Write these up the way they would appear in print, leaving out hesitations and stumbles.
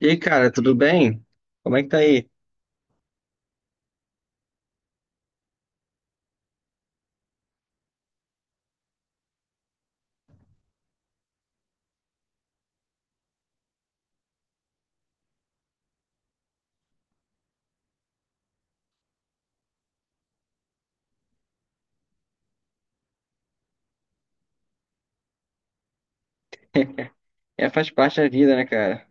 E aí, cara, tudo bem? Como é que tá aí? É, faz parte da vida, né, cara?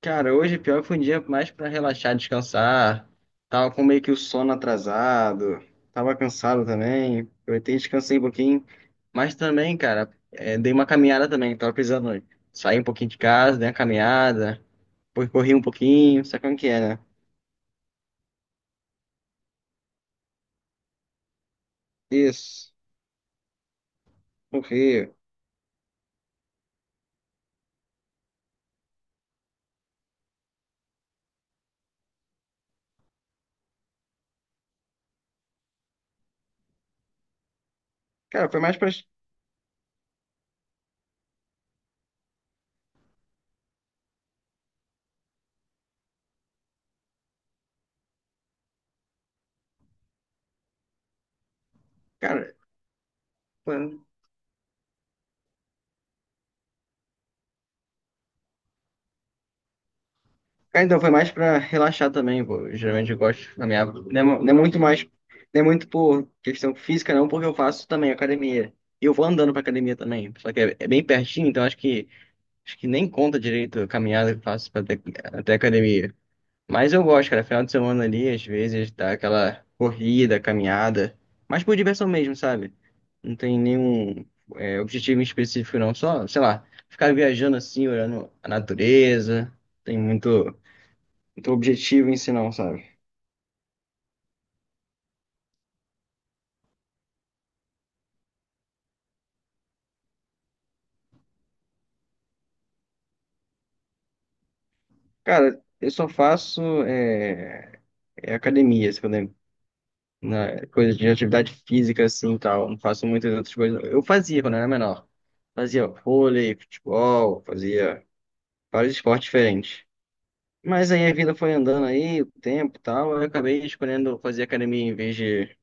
Cara, hoje pior que foi um dia mais pra relaxar, descansar. Tava com meio que o sono atrasado, tava cansado também. Aproveitei, e descansei um pouquinho. Mas também, cara, dei uma caminhada também, tava precisando sair um pouquinho de casa, dei uma caminhada, depois corri um pouquinho, sabe como que é, né? Isso, corri. Cara, foi mais pra. Cara, ah, então foi mais pra relaxar também, pô. Eu, geralmente eu gosto na minha, não é, não é muito mais, não é muito por questão física não, porque eu faço também academia. E eu vou andando pra academia também, só que é bem pertinho, então acho que nem conta direito a caminhada que eu faço pra até, até a academia. Mas eu gosto, cara, final de semana ali, às vezes dá aquela corrida, caminhada, mas por diversão mesmo, sabe? Não tem nenhum objetivo em específico não, só, sei lá, ficar viajando assim, olhando a natureza, tem muito objetivo em si não, sabe? Cara, eu só faço é academia, se eu lembro. Na, coisa de atividade física, assim, e tal. Não faço muitas outras coisas. Eu fazia quando era menor. Fazia vôlei, futebol, fazia vários esportes diferentes. Mas aí a vida foi andando aí, o tempo e tal. Eu acabei escolhendo fazer academia em vez de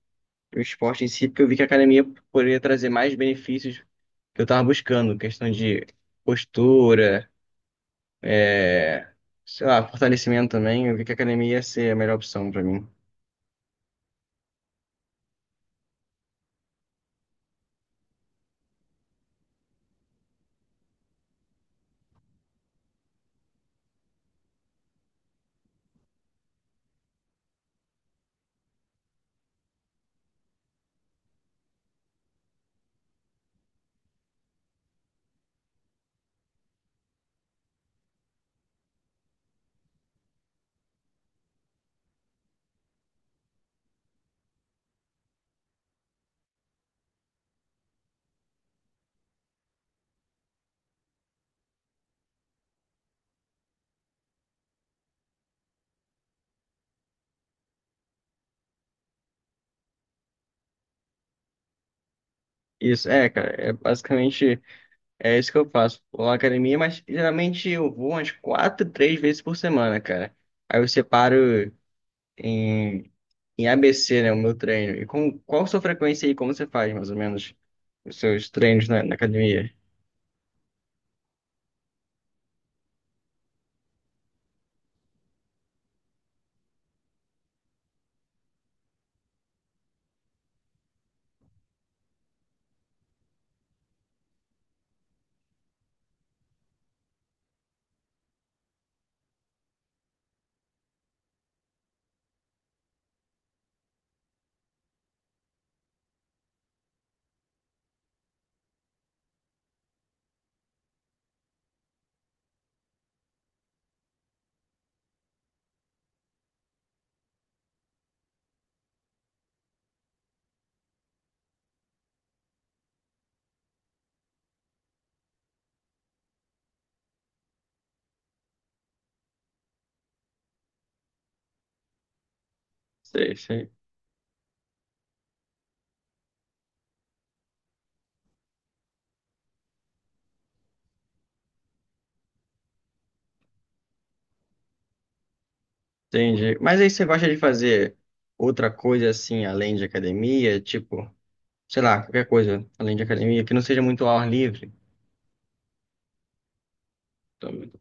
o esporte em si, porque eu vi que a academia poderia trazer mais benefícios que eu tava buscando. Questão de postura, é, sei lá, fortalecimento também, eu vi que a academia ia ser a melhor opção pra mim. Isso, é, cara, é basicamente isso que eu faço. Vou à academia, mas geralmente eu vou umas quatro, três vezes por semana, cara. Aí eu separo em, em ABC, né, o meu treino. E com qual sua frequência aí, como você faz, mais ou menos, os seus treinos na, na academia? Sei, sei. Entendi. Mas aí você gosta de fazer outra coisa assim, além de academia, tipo, sei lá, qualquer coisa além de academia, que não seja muito ao ar livre? Também.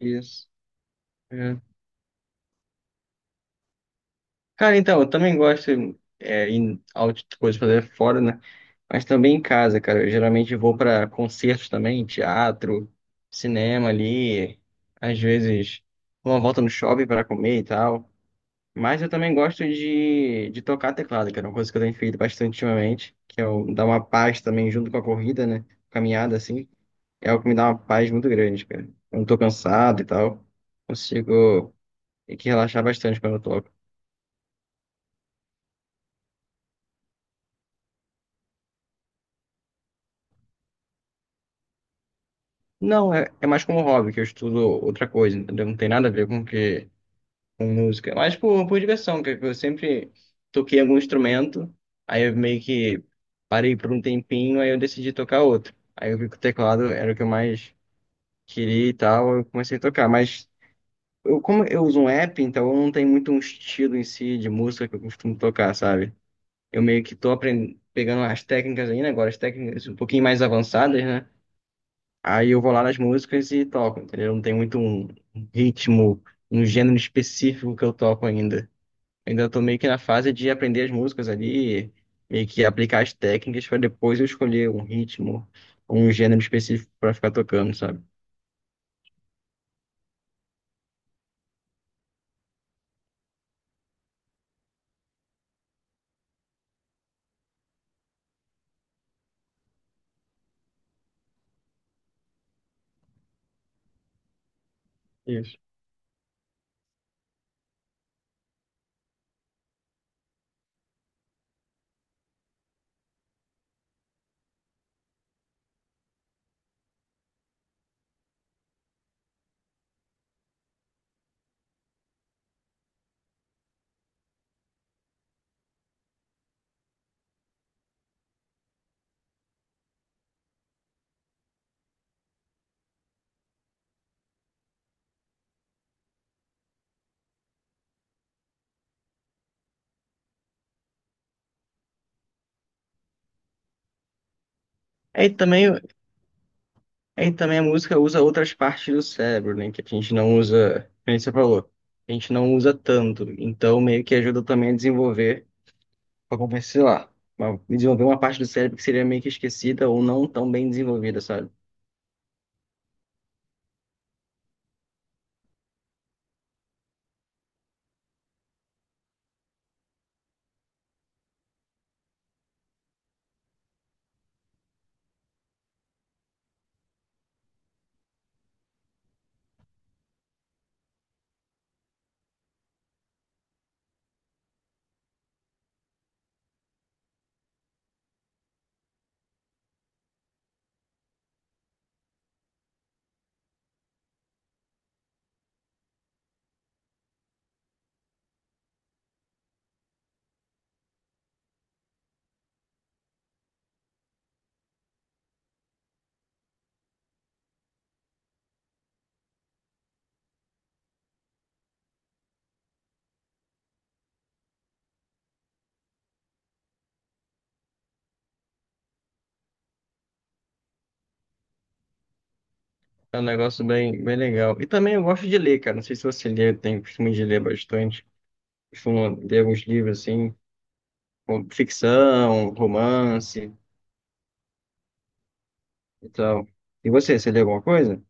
Isso. É. Cara, então, eu também gosto em coisas pra fazer fora, né? Mas também em casa, cara. Eu geralmente vou pra concertos também, teatro, cinema ali. Às vezes, uma volta no shopping pra comer e tal. Mas eu também gosto de tocar teclado, que é uma coisa que eu tenho feito bastante ultimamente, que é o- dar uma paz também junto com a corrida, né? Caminhada, assim. É o que me dá uma paz muito grande, cara. Eu não tô cansado e tal. Consigo. Tem que relaxar bastante quando eu toco. Não, é mais como hobby, que eu estudo outra coisa, entendeu? Não tem nada a ver com que com música. Mas por diversão, que eu sempre toquei algum instrumento, aí eu meio que parei por um tempinho, aí eu decidi tocar outro. Aí eu vi que o teclado era o que eu mais queria e tal, eu comecei a tocar. Mas eu, como eu uso um app, então eu não tenho muito um estilo em si de música que eu costumo tocar, sabe? Eu meio que tô aprendendo, pegando as técnicas ainda agora, as técnicas um pouquinho mais avançadas, né? Aí eu vou lá nas músicas e toco, entendeu? Não tem muito um ritmo, um gênero específico que eu toco ainda. Ainda tô meio que na fase de aprender as músicas ali, meio que aplicar as técnicas para depois eu escolher um ritmo, um gênero específico para ficar tocando, sabe? Isso. Aí também, aí também a música usa outras partes do cérebro, né? Que a gente não usa, como você falou, a gente não usa tanto. Então meio que ajuda também a desenvolver pra compensar, lá, desenvolver uma parte do cérebro que seria meio que esquecida ou não tão bem desenvolvida, sabe? É um negócio bem legal. E também eu gosto de ler, cara. Não sei se você lê, eu tenho costume de ler bastante. Costumo ler alguns livros assim, como ficção, romance e tal. E você, você lê alguma coisa?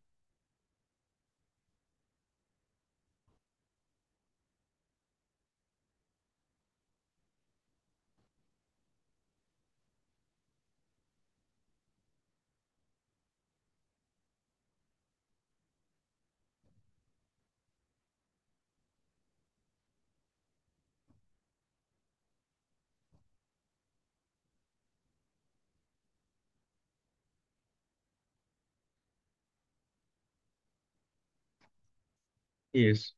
Isso.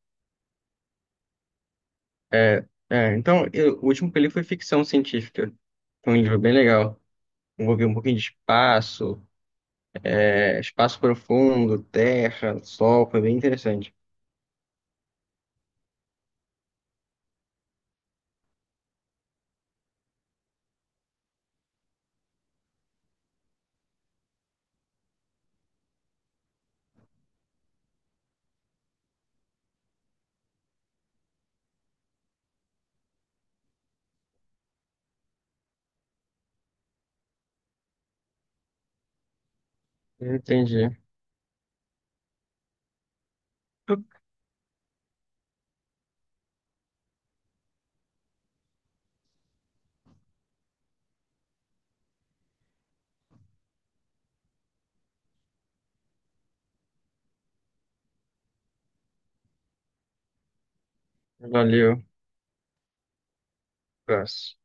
Então, eu- o último que eu li foi ficção científica. Foi um livro bem legal. Envolvia um pouquinho de espaço, espaço profundo, terra, sol. Foi bem interessante. Entendi. Valeu, abraço.